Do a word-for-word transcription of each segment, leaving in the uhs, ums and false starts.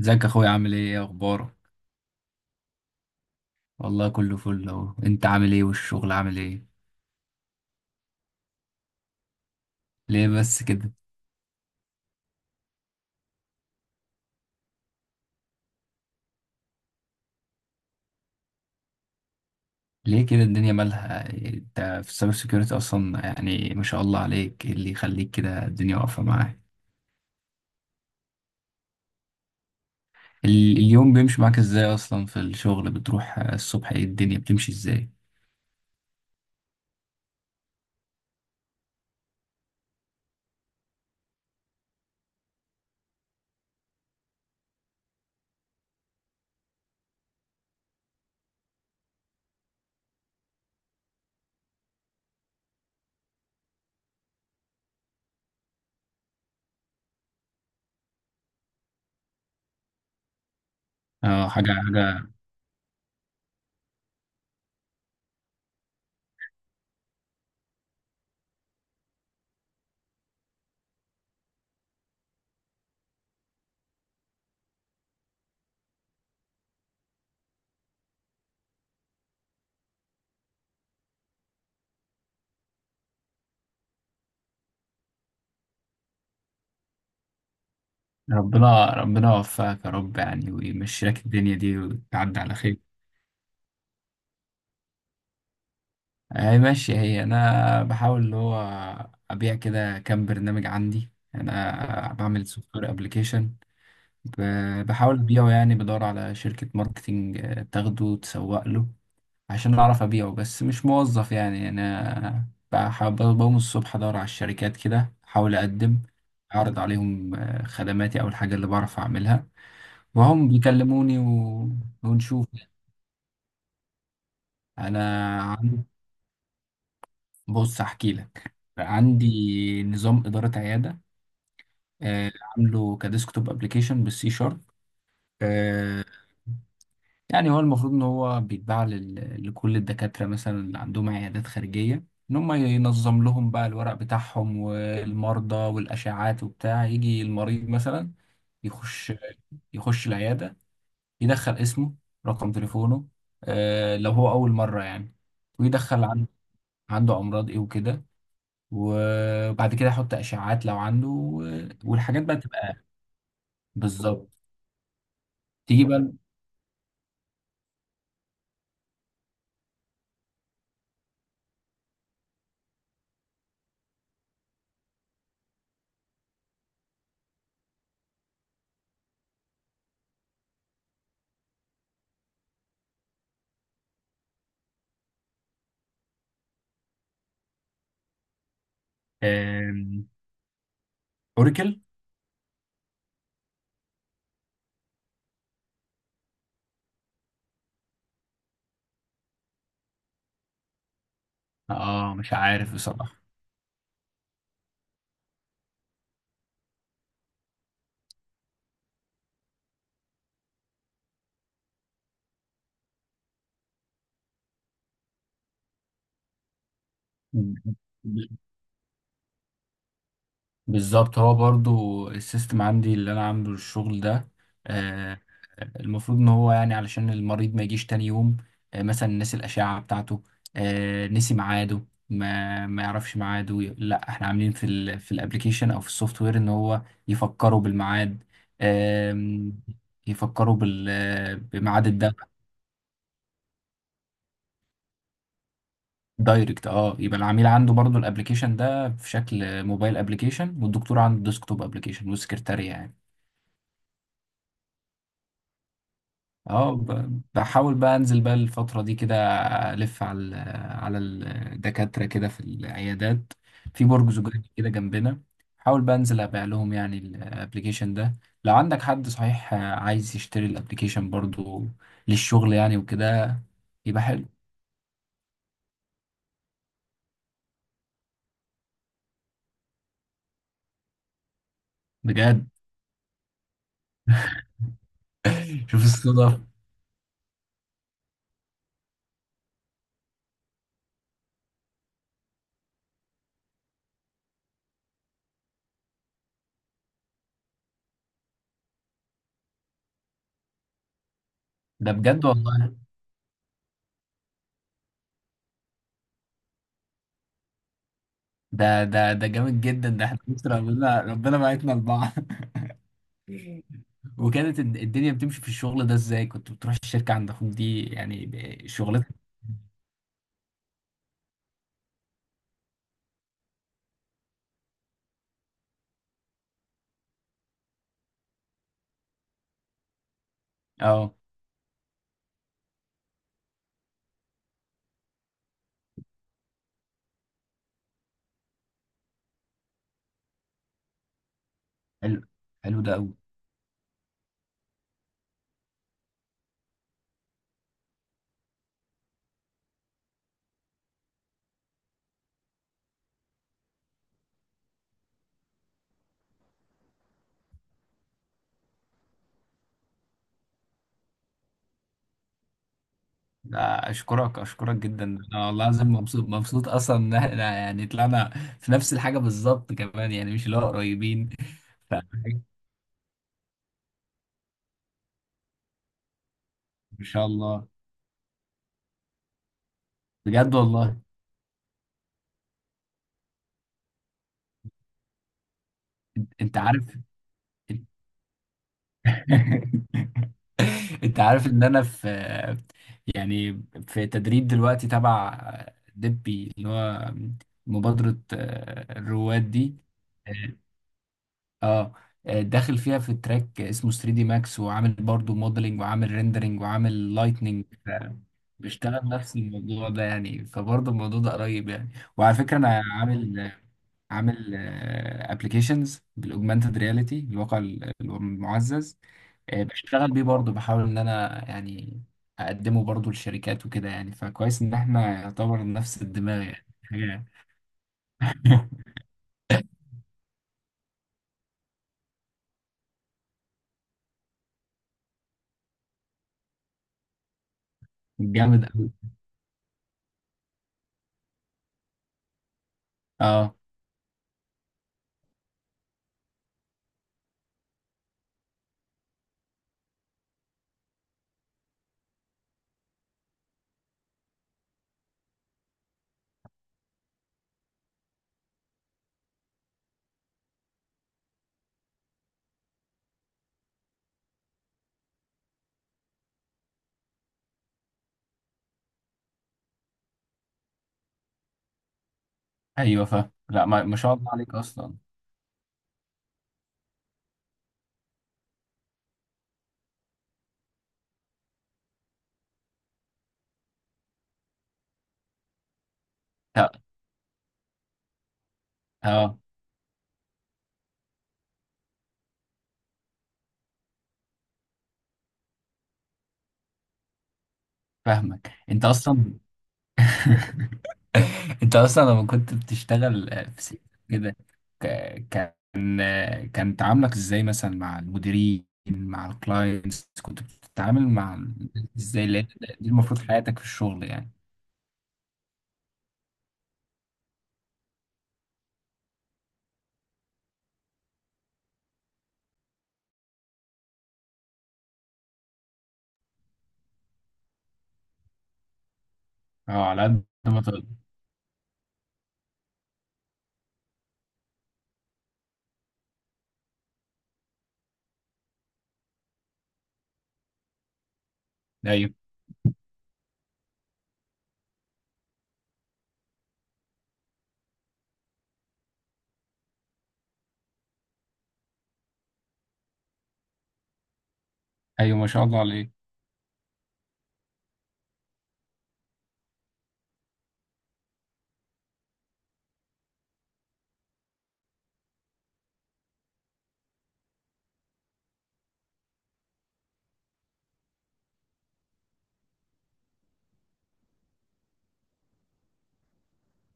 ازيك يا اخويا، عامل ايه؟ ايه اخبارك؟ والله كله فل اهو. انت عامل ايه؟ والشغل عامل ايه؟ ليه بس كده؟ ليه كده؟ الدنيا مالها؟ انت في السايبر سيكيورتي اصلا، يعني ما شاء الله عليك، ايه اللي يخليك كده الدنيا واقفه معاك؟ ال- اليوم بيمشي معاك ازاي اصلا؟ في الشغل بتروح الصبح، ايه الدنيا بتمشي ازاي؟ اه، حاجه حاجه. ربنا ربنا يوفقك يا رب يعني، ويمشي لك الدنيا دي وتعدي على خير. هي ماشية هي. أنا بحاول اللي هو أبيع كده كام برنامج عندي. أنا بعمل سوفت وير أبليكيشن، بحاول أبيعه يعني، بدور على شركة ماركتينج آه، تاخده تسوق له عشان أعرف أبيعه، بس مش موظف يعني. أنا بح- بقوم الصبح أدور على الشركات كده، أحاول أقدم، أعرض عليهم آه، خدماتي أو الحاجة اللي بعرف أعملها، وهم بيكلموني و... ونشوف. أنا بص احكي لك، عندي نظام إدارة عيادة، آه، عامله كديسكتوب ابلكيشن بالسي شارب آه، يعني هو المفروض ان هو بيتباع لل- لكل الدكاترة مثلا اللي عندهم عيادات خارجية، ان هم ينظم لهم بقى الورق بتاعهم والمرضى والاشعات وبتاع. يجي المريض مثلا يخش يخش العيادة، يدخل اسمه، رقم تليفونه، آه، لو هو اول مرة يعني، ويدخل عن- عنده امراض ايه وكده، وبعد كده احط اشعاعات لو عنده و- والحاجات بقى تبقى بالظبط. تيجي بقى. آم، اوراكل؟ اه، مش عارف بصراحه. بالظبط، هو برضو السيستم عندي اللي انا عامله الشغل ده. آه، المفروض ان هو يعني علشان المريض ما يجيش تاني يوم، آه، مثلا نسي الاشعه بتاعته، آه، نسي ميعاده، ما ما يعرفش ميعاده، لا احنا عاملين في ال في الابليكيشن او في السوفت وير ان هو يفكروا بالميعاد. آم، يفكروا بال بميعاد الدواء. دايركت، اه. يبقى العميل عنده برضو الابليكيشن ده في شكل موبايل ابليكيشن، والدكتور عنده ديسكتوب ابليكيشن، والسكرتارية يعني. اه، ب- بحاول بقى انزل بقى الفترة دي كده، الف على ال- على الدكاترة كده في العيادات، في برج زجاجي كده جنبنا. حاول بقى انزل ابيع لهم يعني الابليكيشن ده. لو عندك حد صحيح عايز يشتري الابليكيشن برضو للشغل يعني وكده، يبقى حلو بجد. شوف الصدف. ده بجد والله. ده ده ده جامد جدا. ده احنا بص، ربنا ربنا بعتنا لبعض. وكانت الد- الدنيا بتمشي في الشغل ده ازاي؟ كنت بتروح الشركة عند اخوك دي يعني ب- شغلتك. اه، حلو. حلو ده قوي ده. اشكرك، اشكرك جدا. انا والله العظيم مبسوط، مبسوط اصلا ان احنا يعني طلعنا في نفس الحاجة بالظبط كمان، يعني مش اللي هو قريبين. ف- ما شاء الله. بجد والله؟ انت عارف. انت عارف ان انا في يعني في تدريب دلوقتي تبع دبي اللي هو مبادرة الرواد دي. اه. آه، داخل فيها في تراك اسمه ثري دي ماكس، وعامل برضو موديلنج، وعامل ريندرنج، وعامل لايتنينج. بيشتغل نفس الموضوع ده يعني، فبرضه الموضوع ده قريب يعني. وعلى فكرة انا عامل عامل ابلكيشنز بالاوجمانتد رياليتي، الواقع ال- المعزز. آه، بشتغل بيه برضه، بحاول ان انا يعني اقدمه برضه للشركات وكده يعني. فكويس ان احنا يعتبر نفس الدماغ يعني حاجة. جامد قوي. اه، ايوه، فاهم. لا، ما، ما شاء الله عليك اصلا. اه، فاهمك انت اصلا. انت اصلا لما كنت بتشتغل آه، في سيت كده، ك- كان آه، كان تعاملك ازاي مثلا مع المديرين، مع الكلاينتس كنت بتتعامل مع ال- ازاي؟ لأن دي المفروض حياتك في الشغل يعني. اه، على قد ما تقدر. ايوه، ايوه، ما شاء الله عليك.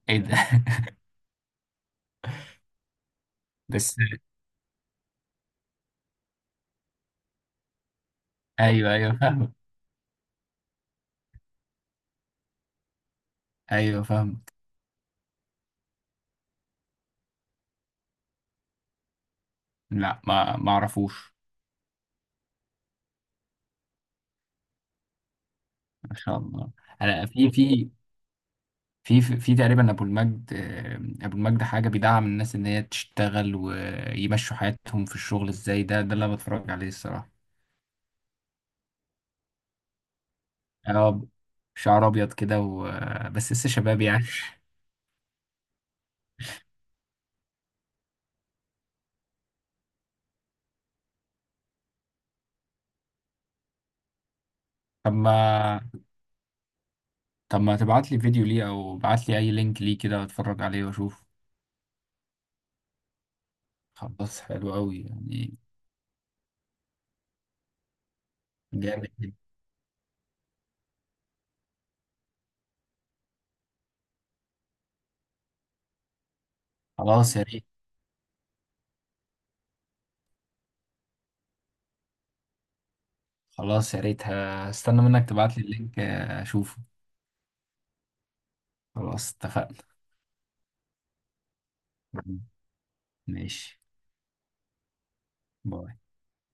ايه ده؟ بس. ايوه، ايوه، فاهمك. ايوه، فاهمك. لا، ما ما اعرفوش. ما شاء الله. انا في في في في تقريبا ابو المجد، آه، ابو المجد، حاجه بيدعم الناس ان هي تشتغل ويمشوا حياتهم في الشغل ازاي. ده ده اللي انا بتفرج عليه الصراحه. اه، شعر ابيض كده و... بس لسه شباب يعني. طب ما طب ما تبعت لي فيديو ليه؟ او ابعت لي اي لينك ليه كده، اتفرج عليه واشوف. خلاص، حلو قوي يعني. جامد جدا. خلاص يا ريت خلاص يا ريت هستنى منك تبعت لي اللينك آه، اشوفه. خلاص، اتفقنا. ماشي، باي.